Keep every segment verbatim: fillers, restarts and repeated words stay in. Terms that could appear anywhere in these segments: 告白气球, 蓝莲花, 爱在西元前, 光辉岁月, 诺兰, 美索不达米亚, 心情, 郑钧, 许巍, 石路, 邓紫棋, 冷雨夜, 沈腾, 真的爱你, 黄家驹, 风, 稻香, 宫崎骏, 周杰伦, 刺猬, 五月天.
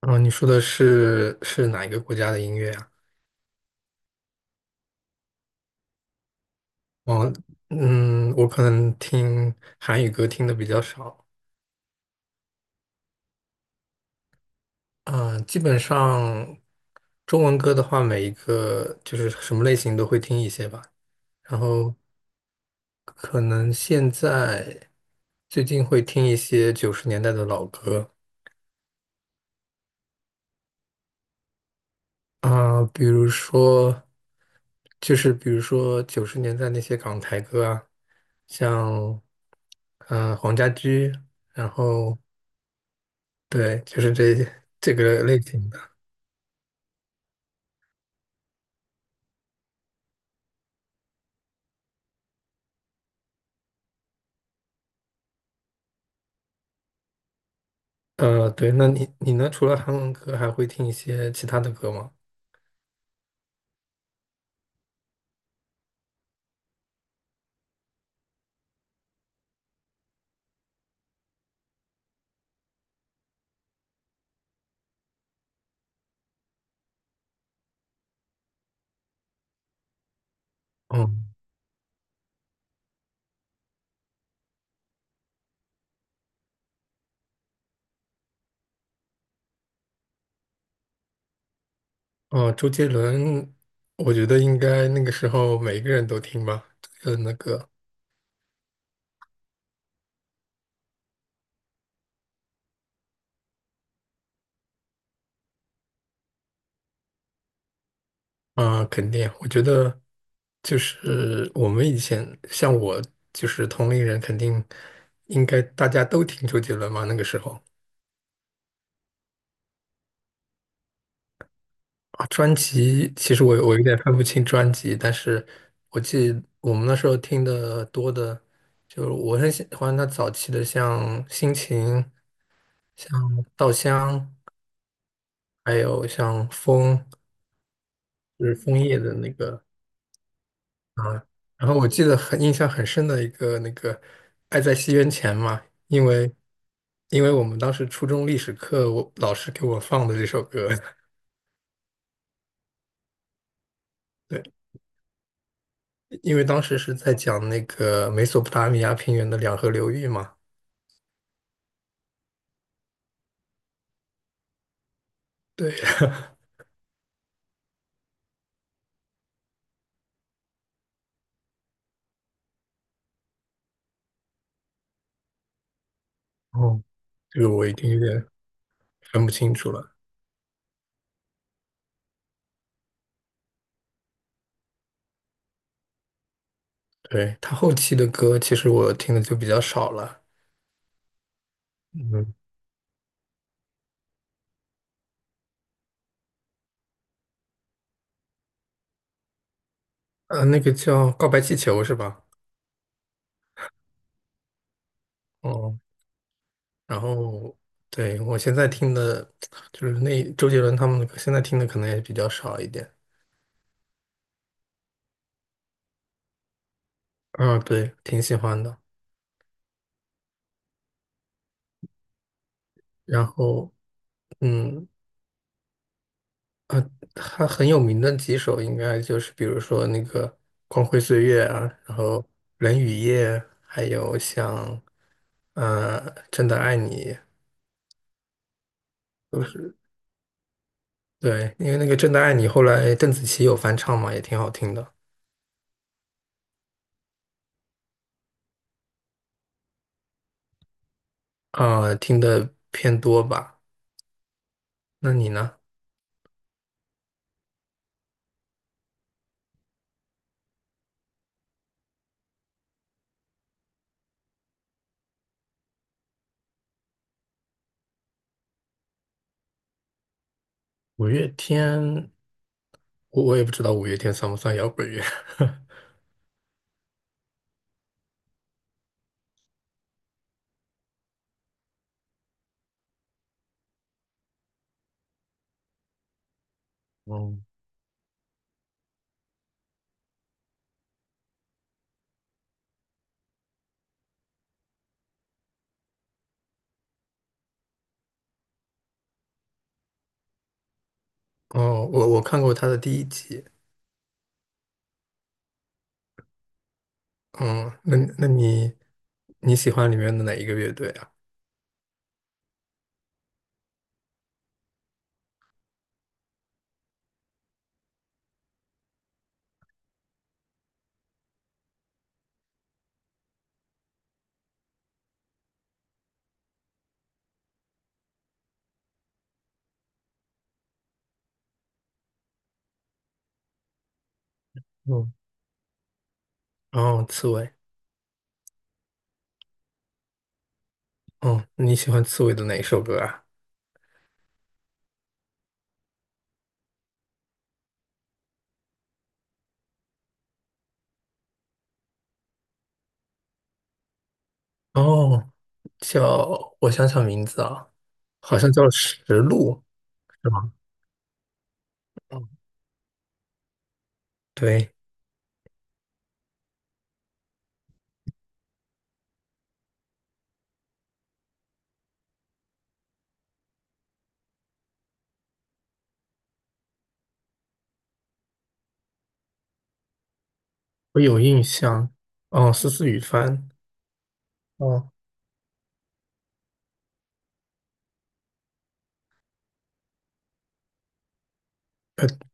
哦，你说的是是哪一个国家的音乐啊？哦，嗯，我可能听韩语歌听的比较少，嗯，基本上中文歌的话，每一个就是什么类型都会听一些吧。然后可能现在最近会听一些九十年代的老歌，啊，比如说，就是比如说九十年代那些港台歌啊，像呃黄家驹，然后对，就是这这个类型的。呃，对，那你你呢？除了韩文歌，还会听一些其他的歌吗？嗯，哦，周杰伦，我觉得应该那个时候每个人都听吧，周杰伦的歌。啊，肯定，我觉得就是我们以前像我就是同龄人，肯定应该大家都听周杰伦嘛。那个时候啊，专辑其实我我有点分不清专辑，但是我记得我们那时候听的多的，就是我很喜欢他早期的，像《心情》、像《稻香》，还有像《风》，就是枫叶的那个啊，然后我记得很印象很深的一个那个"爱在西元前"嘛，因为因为我们当时初中历史课，我老师给我放的这首歌，对，因为当时是在讲那个美索不达米亚平原的两河流域嘛，对，哦，这个我已经有点分不清楚了。对，他后期的歌，其实我听的就比较少了，嗯，呃，那个叫《告白气球》是吧？哦，然后，对，我现在听的，就是那周杰伦他们的歌现在听的可能也比较少一点。啊，对，挺喜欢的。然后，嗯，他很有名的几首，应该就是比如说那个《光辉岁月》啊，然后《冷雨夜》，还有像呃《真的爱你》，都是对，因为那个《真的爱你》后来邓紫棋有翻唱嘛，也挺好听的。啊、听的偏多吧？那你呢？五月天。我我也不知道五月天算不算摇滚乐。哦，哦，我我看过他的第一集。嗯，那那你你喜欢里面的哪一个乐队啊？嗯，哦，刺猬。哦，你喜欢刺猬的哪一首歌啊？哦，叫我想想名字啊，好像叫《石路》，是吗？嗯，对，我有印象。哦，思思雨帆。哦，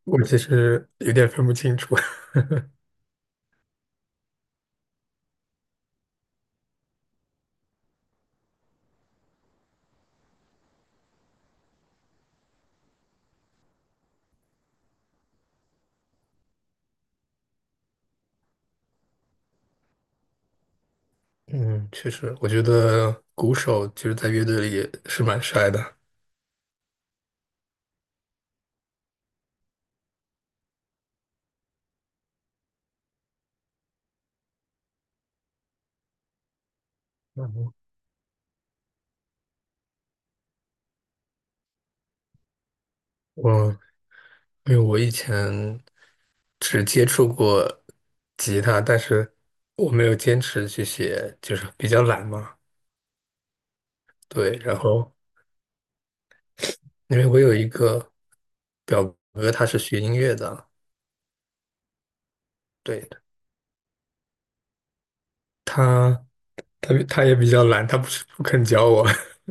我其实有点分不清楚。嗯，确实，我觉得鼓手其实，在乐队里也是蛮帅的。嗯，我因为我以前只接触过吉他，但是我没有坚持去写，就是比较懒嘛。对，然后因为我有一个表哥，他是学音乐的，对，他他他也比较懒，他不是不肯教我。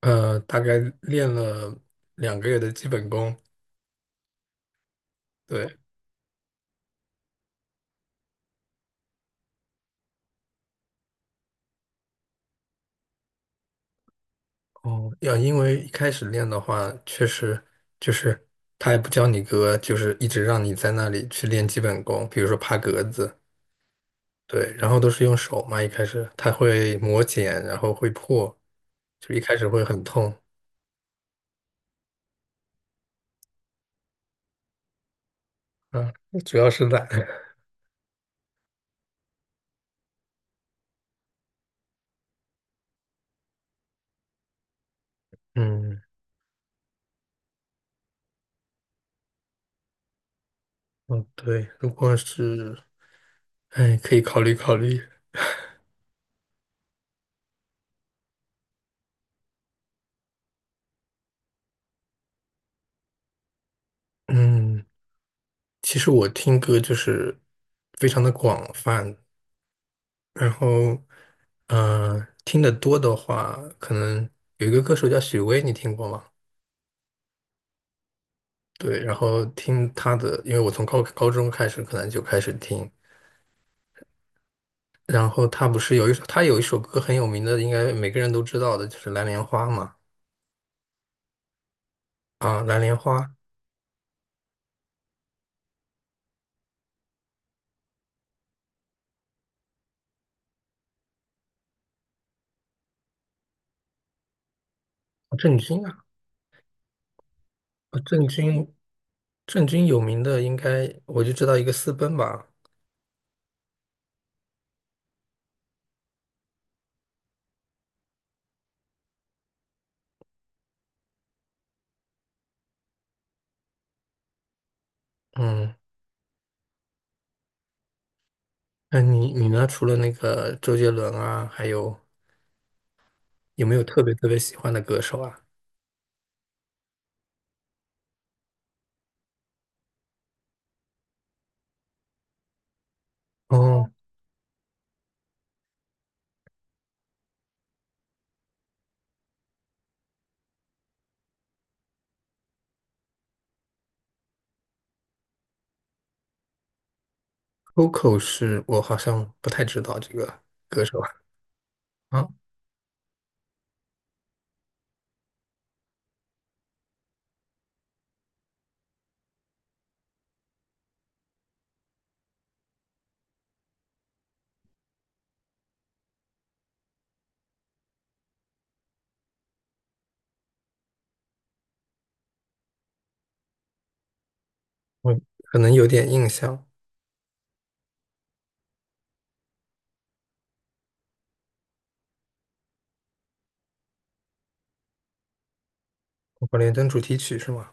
呃，大概练了两个月的基本功，对，哦，要因为一开始练的话，确实就是他也不教你歌，就是一直让你在那里去练基本功，比如说爬格子，对，然后都是用手嘛，一开始他会磨茧，然后会破，就一开始会很痛啊，主要是懒。嗯，哦对，如果是，哎，可以考虑考虑。嗯，其实我听歌就是非常的广泛，然后，嗯，听得多的话，可能有一个歌手叫许巍，你听过吗？对，然后听他的，因为我从高高中开始可能就开始听，然后他不是有一首，他有一首歌很有名的，应该每个人都知道的，就是《蓝莲花》嘛。啊，《蓝莲花》啊，郑钧啊，啊郑钧，郑钧有名的应该我就知道一个私奔吧。嗯，那你你呢？除了那个周杰伦啊，还有有没有特别特别喜欢的歌手啊？哦。Coco 是我好像不太知道这个歌手啊，我可能有点印象。我管连灯主题曲是吗？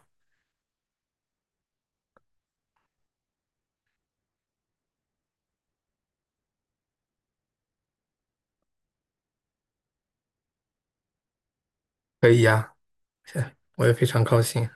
可以呀、我也非常高兴。